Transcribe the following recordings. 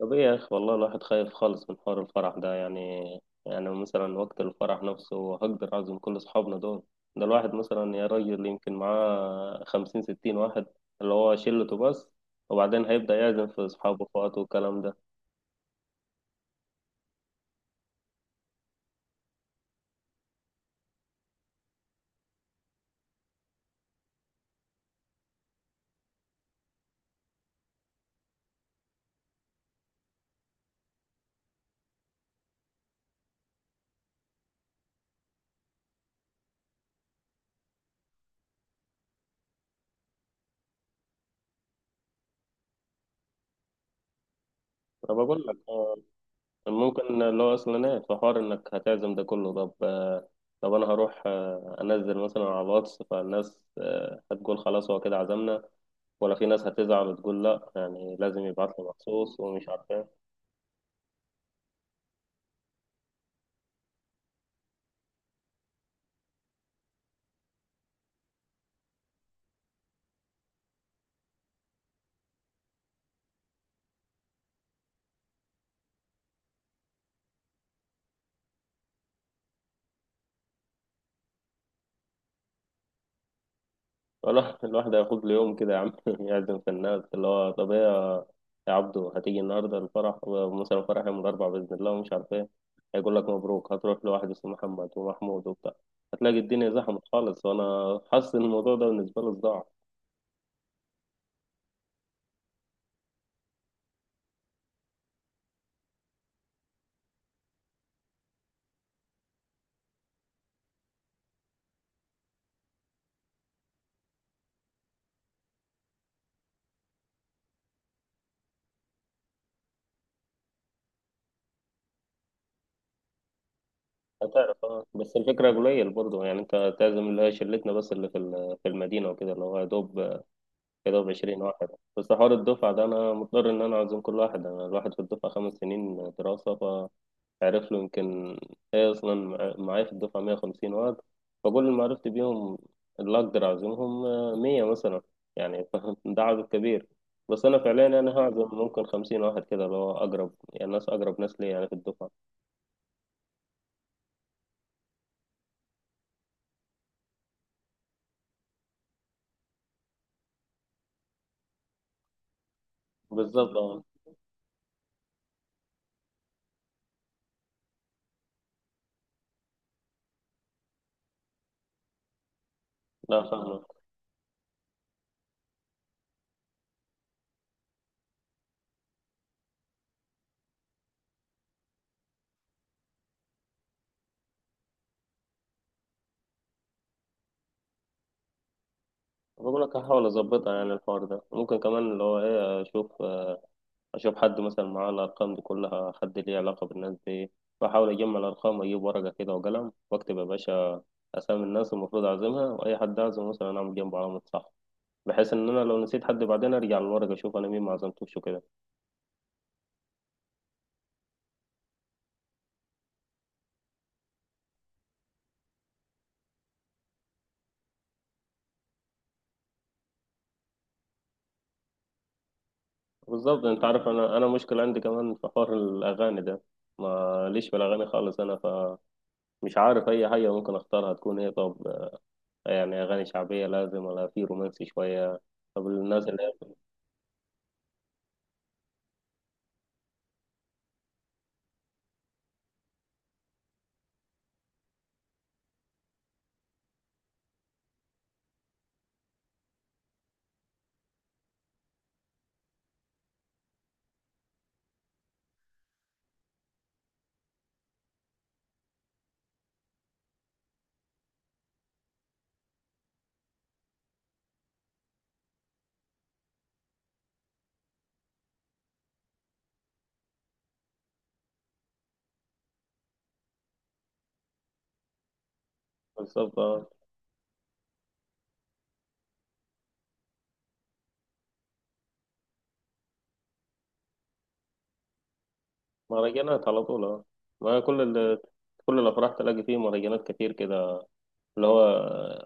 طب ايه يا اخي، والله الواحد خايف خالص من حوار الفرح ده يعني. يعني مثلا وقت الفرح نفسه هقدر اعزم كل اصحابنا دول؟ ده الواحد مثلا يا راجل يمكن معاه خمسين ستين واحد اللي هو شلته بس، وبعدين هيبدأ يعزم في اصحابه واخواته والكلام ده. انا بقول لك آه، ممكن اللي هو اصلا ايه في حوار انك هتعزم ده كله. طب آه، طب انا هروح آه، انزل مثلا على الواتس فالناس آه، هتقول خلاص هو كده عزمنا، ولا في ناس هتزعل وتقول لا، يعني لازم يبعت لي مخصوص ومش عارف إيه. والله الواحد هياخد له يوم كده يا عم يعزم في الناس. اللي هو طب ايه يا عبدو، هتيجي النهارده الفرح، ومثلا الفرح يوم الاربعاء باذن الله، ومش عارف ايه. هيقول لك مبروك. هتروح لواحد اسمه محمد ومحمود وبتاع، هتلاقي الدنيا زحمت خالص، وانا حاسس ان الموضوع ده بالنسبه له صداع. هتعرف اه، بس الفكره قليل برضه، يعني انت تعزم اللي هي شلتنا بس، اللي في المدينه وكده، اللي هو يا دوب، يا دوب 20 واحد. بس حوار الدفعه ده انا مضطر ان انا اعزم كل واحد، انا الواحد في الدفعه خمس سنين دراسه، عرف له يمكن. هي أصلا معايا في الدفعة 150 واد، فكل اللي معرفت بيهم، اللي أقدر أعزمهم آه، 100 مثلا يعني. فاهم؟ ده عدد كبير، بس أنا فعليا أنا هعزم ممكن 50 واحد كده، اللي هو أقرب، يعني ناس أقرب ناس لي يعني في الدفعة. بالظبط أه. لا فاهمك. بقول لك هحاول أظبطها، يعني الحوار ده ممكن كمان اللي هو إيه، أشوف آه، أشوف حد مثلا معاه الأرقام دي كلها، حد ليه علاقة بالناس دي. بحاول أجمع الأرقام وأجيب ورقة كده وقلم وأكتب يا باشا اسامي الناس المفروض اعزمها، واي حد اعزم مثلا اعمل جنبه علامه صح، بحيث ان انا لو نسيت حد بعدين ارجع للورقه اشوف انا مين ما عزمتوش وكده. بالظبط. انت عارف انا مشكله عندي كمان في حوار الاغاني ده. ما ليش في الاغاني خالص انا، فمش عارف اي حاجه ممكن اختارها تكون ايه. طب يعني اغاني شعبيه لازم ولا في رومانسي شويه؟ طب الناس اللي هي بالظبط آه. مهرجانات على طول آه. ما كل ال... كل الافراح تلاقي فيه مهرجانات كتير كده، اللي هو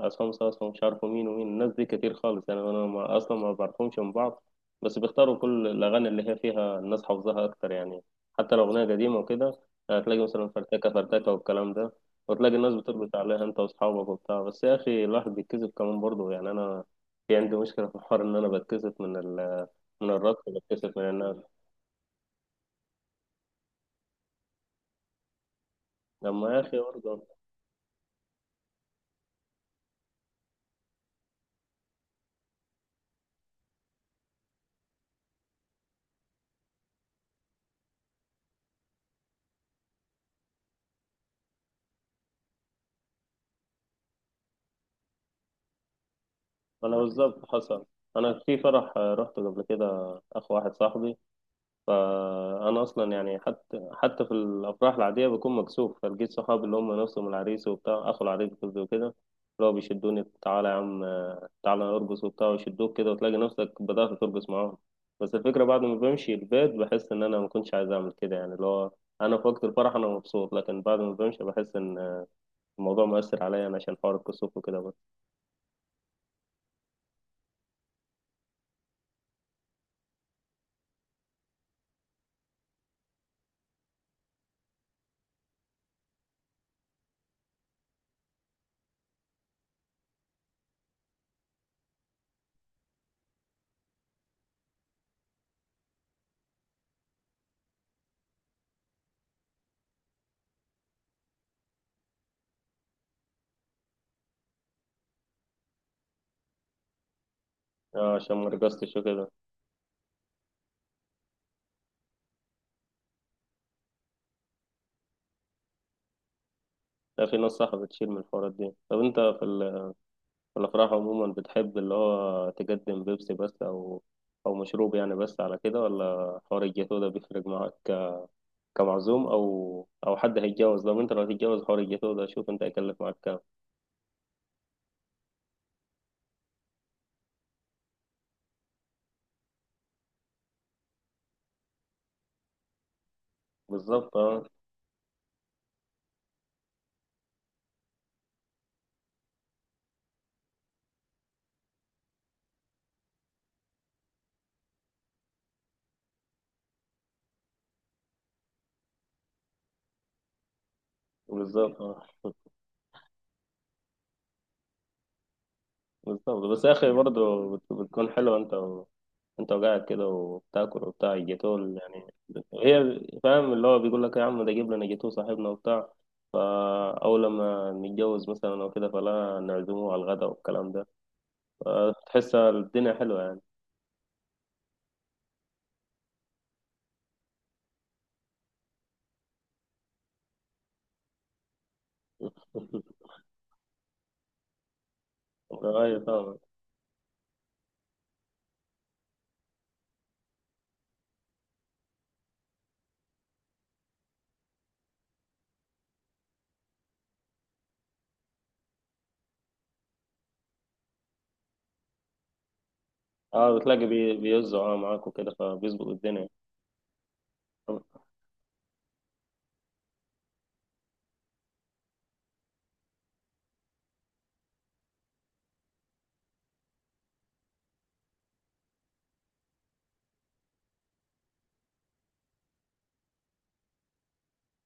عصام صاصا ومش عارفه مين ومين. الناس دي كتير خالص يعني، انا ما اصلا ما بعرفهمش من بعض. بس بيختاروا كل الاغاني اللي هي فيها الناس حافظاها اكتر يعني، حتى لو اغنيه قديمه وكده. هتلاقي مثلا فرتكه فرتكه والكلام ده، وتلاقي الناس بتربط عليها انت واصحابك وبتاع. بس يا اخي الواحد بيتكسف كمان برضه، يعني انا في عندي مشكله في الحوار، ان انا بتكسف من ال، من الرقص، بتكسف من الناس. لما يا اخي برضه، انا بالظبط حصل. انا في فرح آه، رحت قبل كده اخو واحد صاحبي. فانا اصلا يعني حتى في الافراح العاديه بكون مكسوف، فلقيت صحابي اللي هم نفسهم العريس وبتاع، اخو العريس قصدي وكده، اللي هو بيشدوني تعالى يا عم آه، تعالى ارقص وبتاع، ويشدوك كده، وتلاقي نفسك بدات ترقص معاهم. بس الفكره بعد ما بمشي البيت بحس ان انا ما كنتش عايز اعمل كده، يعني اللي هو انا في وقت الفرح انا مبسوط، لكن بعد ما بمشي بحس ان الموضوع مؤثر عليا انا عشان حوار الكسوف وكده بس. اه عشان ما رقصتش وكده. لا في ناس صح بتشيل من الحوارات دي. طب انت في ال الأفراح عموما بتحب اللي هو تقدم بيبسي بس، أو أو مشروب يعني بس على كده، ولا حوار الجاتو ده بيفرق معاك كمعزوم، أو أو حد هيتجوز؟ لو أنت لو هتتجوز حوار الجاتو ده، شوف أنت هيكلف معاك كام. بالظبط أه. بالظبط أه. بالظبط. بس يا أخي برضه بتكون حلوة أنت و... أنت وقاعد كده وبتاكل وبتاع الجاتو يعني هي، فاهم اللي هو بيقول لك يا عم ده جيب لنا جاتو صاحبنا وبتاع. فا أول لما نتجوز مثلا أو كده، فلا نعزمه على الغداء والكلام ده، تحس الدنيا حلوة يعني. أيوة طبعا. اه بتلاقي بيوزعوا اه معاك وكده، فبيظبط الدنيا.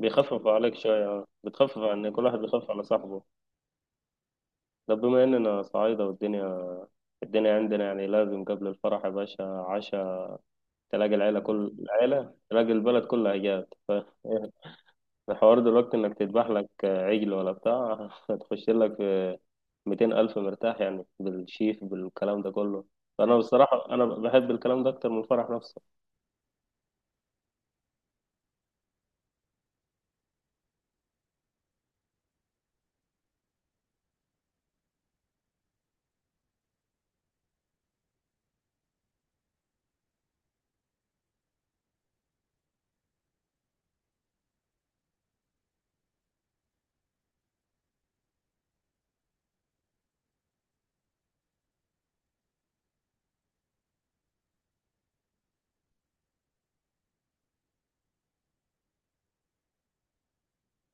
بيخففوا عليك شوية. بتخفف عن كل واحد بيخفف على صاحبه. طب بما إننا صعايدة، والدنيا الدنيا عندنا يعني لازم قبل الفرح يا باشا عشاء، تلاقي العيلة، كل العيلة، تلاقي البلد كلها جات ف... الحوار دلوقتي إنك تذبح لك عجل ولا بتاع. هتخش لك في 200 ألف مرتاح يعني، بالشيف بالكلام ده كله. فأنا بصراحة أنا بحب الكلام ده أكتر من الفرح نفسه.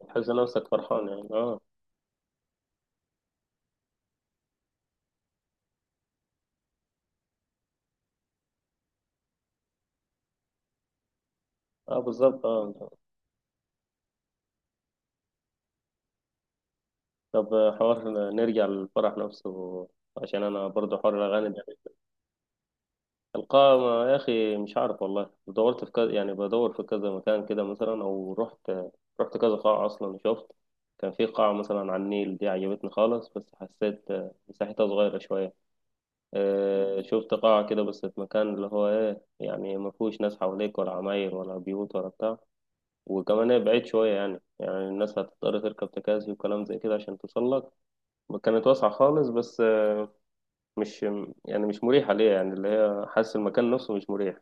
تحس نفسك فرحان يعني اه. اه بالظبط اه. طب حوار نرجع للفرح نفسه، عشان انا برضو حوار الاغاني ده. القائمة يا اخي مش عارف والله. دورت في كذا، يعني بدور في كذا مكان كده مثلا، او رحت رحت كذا قاعة اصلا، شفت كان في قاعة مثلا على النيل دي عجبتني خالص، بس حسيت آه، مساحتها صغيرة شوية. آه، شفت قاعة كده بس في مكان اللي هو ايه، يعني ما فيهوش ناس حواليك، ولا عماير ولا بيوت ولا بتاع، وكمان هي بعيد شوية يعني، يعني الناس هتضطر تركب تكاسي وكلام زي كده عشان توصل لك. كانت واسعة خالص بس، مش، يعني مش مريحة ليا، يعني اللي هي حاسس المكان نفسه مش مريح.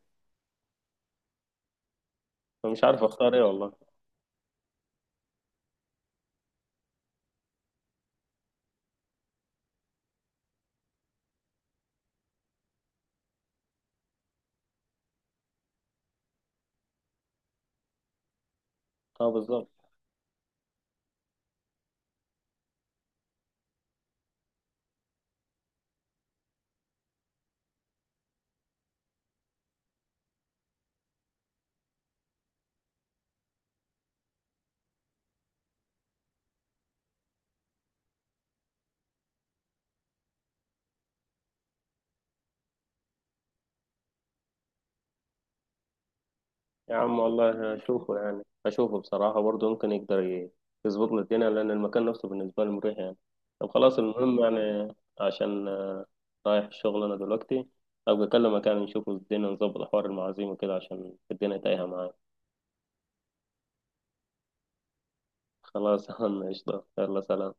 فمش عارف اختار ايه والله. اه بالظبط. يا عم والله هشوفه، يعني هشوفه بصراحة برضه، ممكن يقدر يظبط لي الدنيا، لأن المكان نفسه بالنسبة لي مريح يعني. طب خلاص المهم يعني، عشان رايح الشغل أنا دلوقتي، أبقى أكلم مكان نشوفه، الدنيا نظبط حوار المعازيم وكده، عشان الدنيا تايهة معايا. خلاص. يا عم قشطة، يلا سلام.